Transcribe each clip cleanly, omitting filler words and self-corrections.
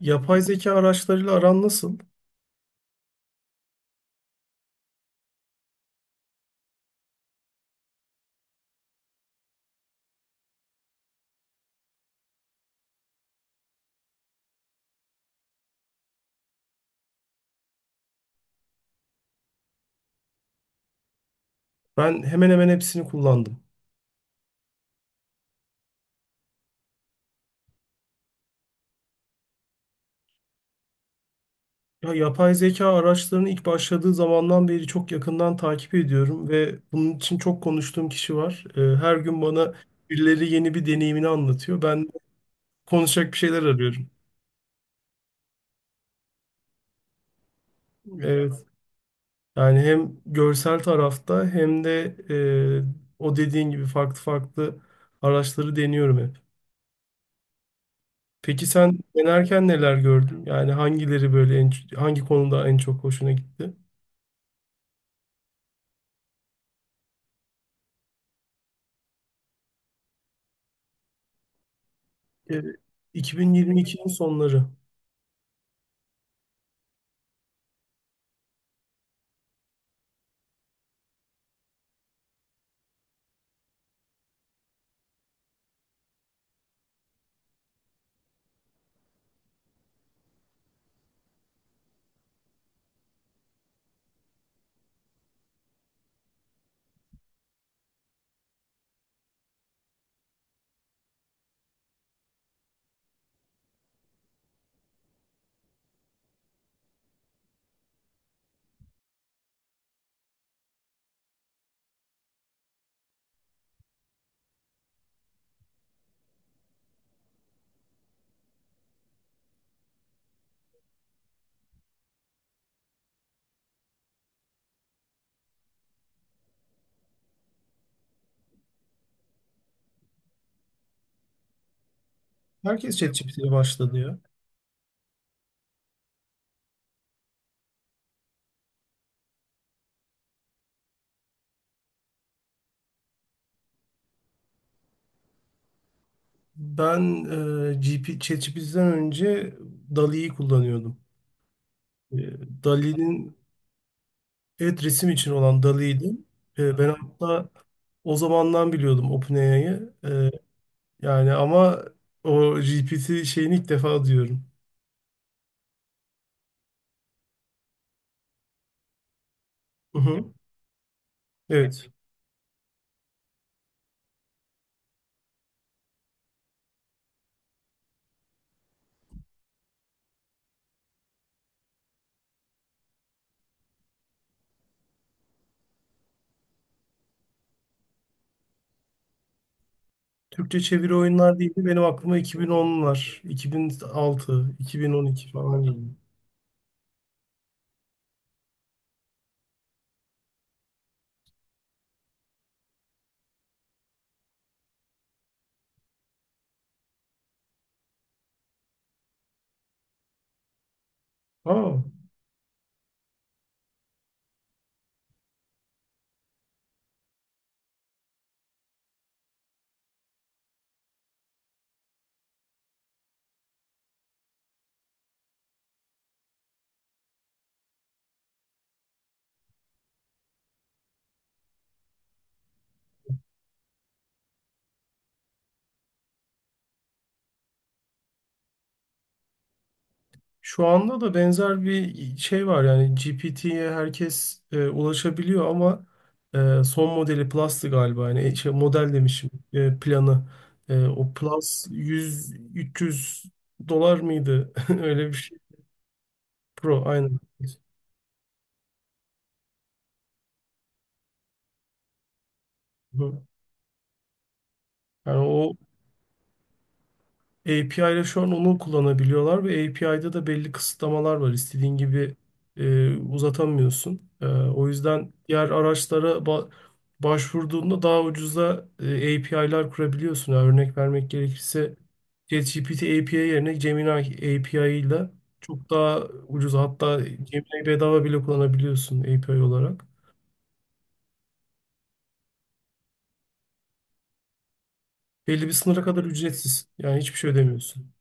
Yapay zeka araçlarıyla aran nasıl? Ben hemen hemen hepsini kullandım. Ya, yapay zeka araçlarının ilk başladığı zamandan beri çok yakından takip ediyorum ve bunun için çok konuştuğum kişi var. Her gün bana birileri yeni bir deneyimini anlatıyor. Ben konuşacak bir şeyler arıyorum. Evet. Yani hem görsel tarafta hem de e, o dediğin gibi farklı farklı araçları deniyorum hep. Peki sen denerken neler gördün? Yani hangileri böyle hangi konuda en çok hoşuna gitti? E, 2022'nin sonları. Herkes ChatGPT'ye başladı ya. Ben ChatGPT'den önce DALL-E'yi kullanıyordum. E, DALL-E'nin, evet, resim için olan DALL-E'ydi. Ben hatta o zamandan biliyordum OpenAI'yı. Yani ama o GPT şeyini ilk defa diyorum. Hı hı. Evet. Türkçe çeviri oyunlar değil de benim aklıma 2010'lar, 2006, 2012 falan geliyor. Aa. Şu anda da benzer bir şey var, yani GPT'ye herkes ulaşabiliyor, ama son modeli Plus'tı galiba, yani şey, model demişim, planı. O Plus 100-300 dolar mıydı? Öyle bir şey. Pro aynen. Hı. Yani o API ile şu an onu kullanabiliyorlar ve API'da da belli kısıtlamalar var. İstediğin gibi uzatamıyorsun. O yüzden diğer araçlara başvurduğunda daha ucuza API'lar kurabiliyorsun. Yani örnek vermek gerekirse ChatGPT API yerine Gemini API ile çok daha ucuz. Hatta Gemini bedava bile kullanabiliyorsun API olarak. Belli bir sınıra kadar ücretsiz. Yani hiçbir şey ödemiyorsun.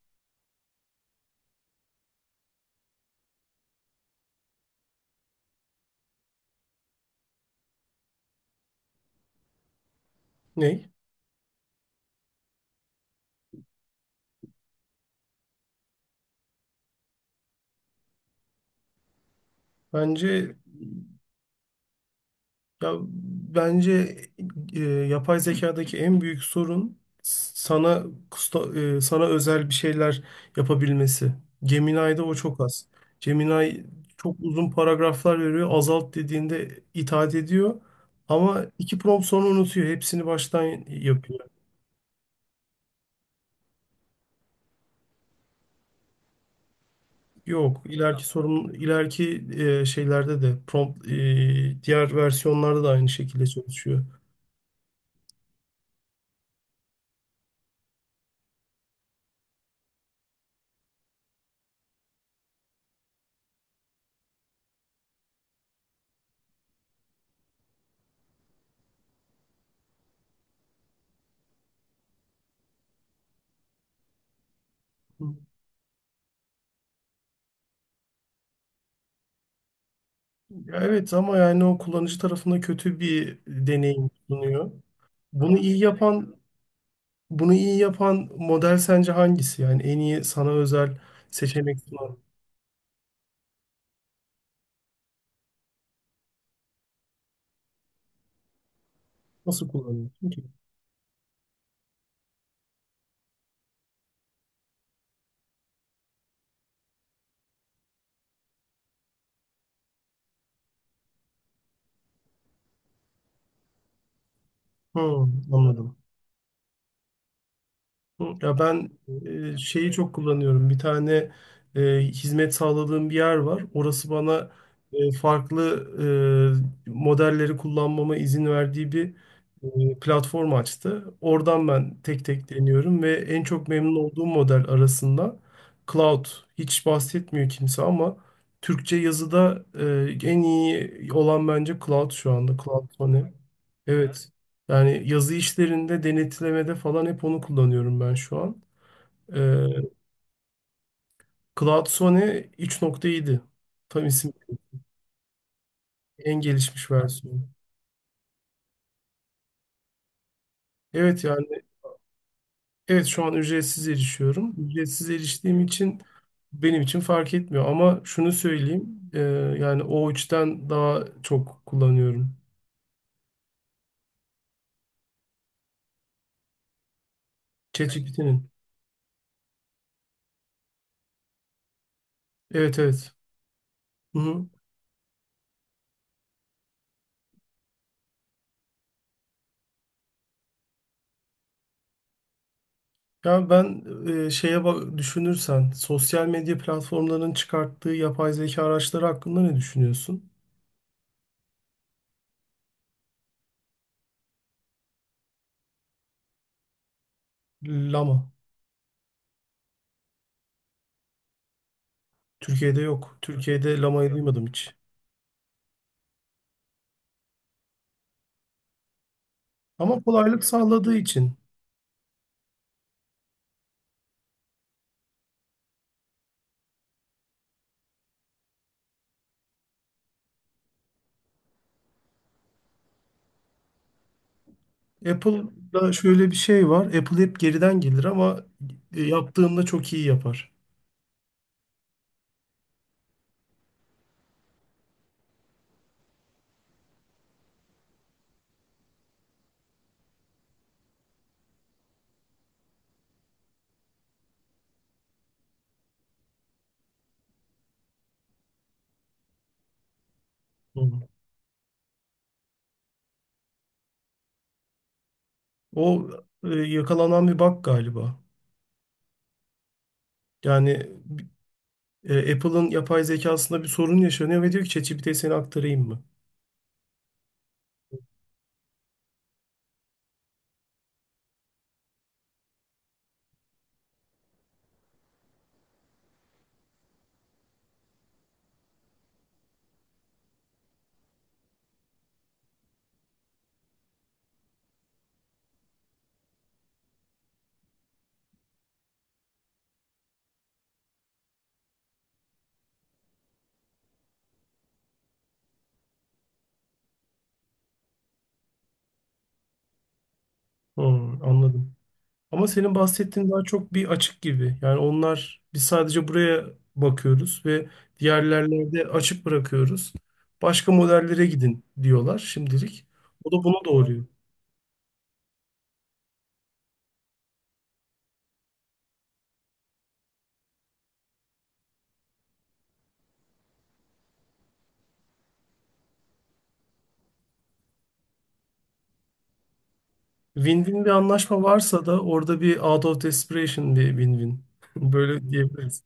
Ney? Bence Ya bence yapay zekadaki en büyük sorun sana sana özel bir şeyler yapabilmesi. Gemini'de o çok az. Gemini çok uzun paragraflar veriyor. Azalt dediğinde itaat ediyor. Ama iki prompt sonra unutuyor. Hepsini baştan yapıyor. Yok, ileriki şeylerde de prompt, diğer versiyonlarda da aynı şekilde çalışıyor. Ya, evet, ama yani o kullanıcı tarafında kötü bir deneyim sunuyor. Bunu iyi yapan bunu iyi yapan model sence hangisi? Yani en iyi sana özel seçenek sunan. Nasıl kullanıyorsun ki? Hı, anladım. Hı, ya ben şeyi çok kullanıyorum. Bir tane hizmet sağladığım bir yer var. Orası bana farklı modelleri kullanmama izin verdiği bir platform açtı. Oradan ben tek tek deniyorum ve en çok memnun olduğum model arasında Cloud. Hiç bahsetmiyor kimse ama Türkçe yazıda en iyi olan bence Cloud şu anda. Cloud Money. Evet. Yani yazı işlerinde, denetlemede falan hep onu kullanıyorum ben şu an. Ee, CloudSone 3.7. Tam isim. En gelişmiş versiyonu. Evet, yani evet, şu an ücretsiz erişiyorum. Ücretsiz eriştiğim için benim için fark etmiyor. Ama şunu söyleyeyim. Yani o üçten daha çok kullanıyorum. ChatGPT'nin. Evet, evet. Hı hı. Ya ben şeye bak, düşünürsen sosyal medya platformlarının çıkarttığı yapay zeka araçları hakkında ne düşünüyorsun? Lama. Türkiye'de yok. Türkiye'de lamayı duymadım hiç. Ama kolaylık sağladığı için. Apple'da şöyle bir şey var. Apple hep geriden gelir ama yaptığında çok iyi yapar. Hı. O yakalanan bir bug galiba. Yani Apple'ın yapay zekasında bir sorun yaşanıyor ve diyor ki, "ChatGPT'ye seni aktarayım mı?" Hı, anladım. Ama senin bahsettiğin daha çok bir açık gibi. Yani onlar biz sadece buraya bakıyoruz ve diğerlerine de açık bırakıyoruz. Başka modellere gidin diyorlar şimdilik. O da bunu doğuruyor. Win-win bir anlaşma varsa da orada bir out of desperation bir win-win. Böyle diyebiliriz.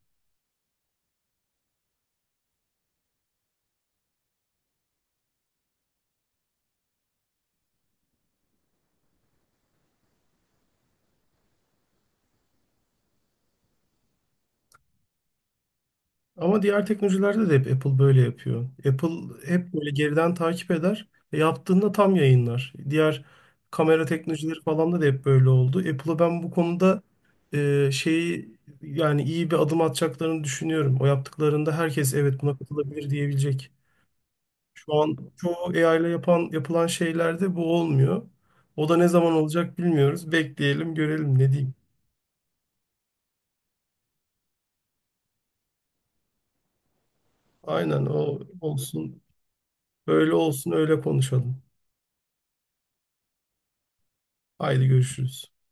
Ama diğer teknolojilerde de hep Apple böyle yapıyor. Apple hep böyle geriden takip eder. Yaptığında tam yayınlar. Diğer kamera teknolojileri falan da hep böyle oldu. Apple'a ben bu konuda e, şeyi yani iyi bir adım atacaklarını düşünüyorum. O yaptıklarında herkes evet buna katılabilir diyebilecek. Şu an çoğu AI ile yapılan şeylerde bu olmuyor. O da ne zaman olacak bilmiyoruz. Bekleyelim, görelim ne diyeyim. Aynen o olsun. Öyle olsun, öyle konuşalım. Haydi görüşürüz.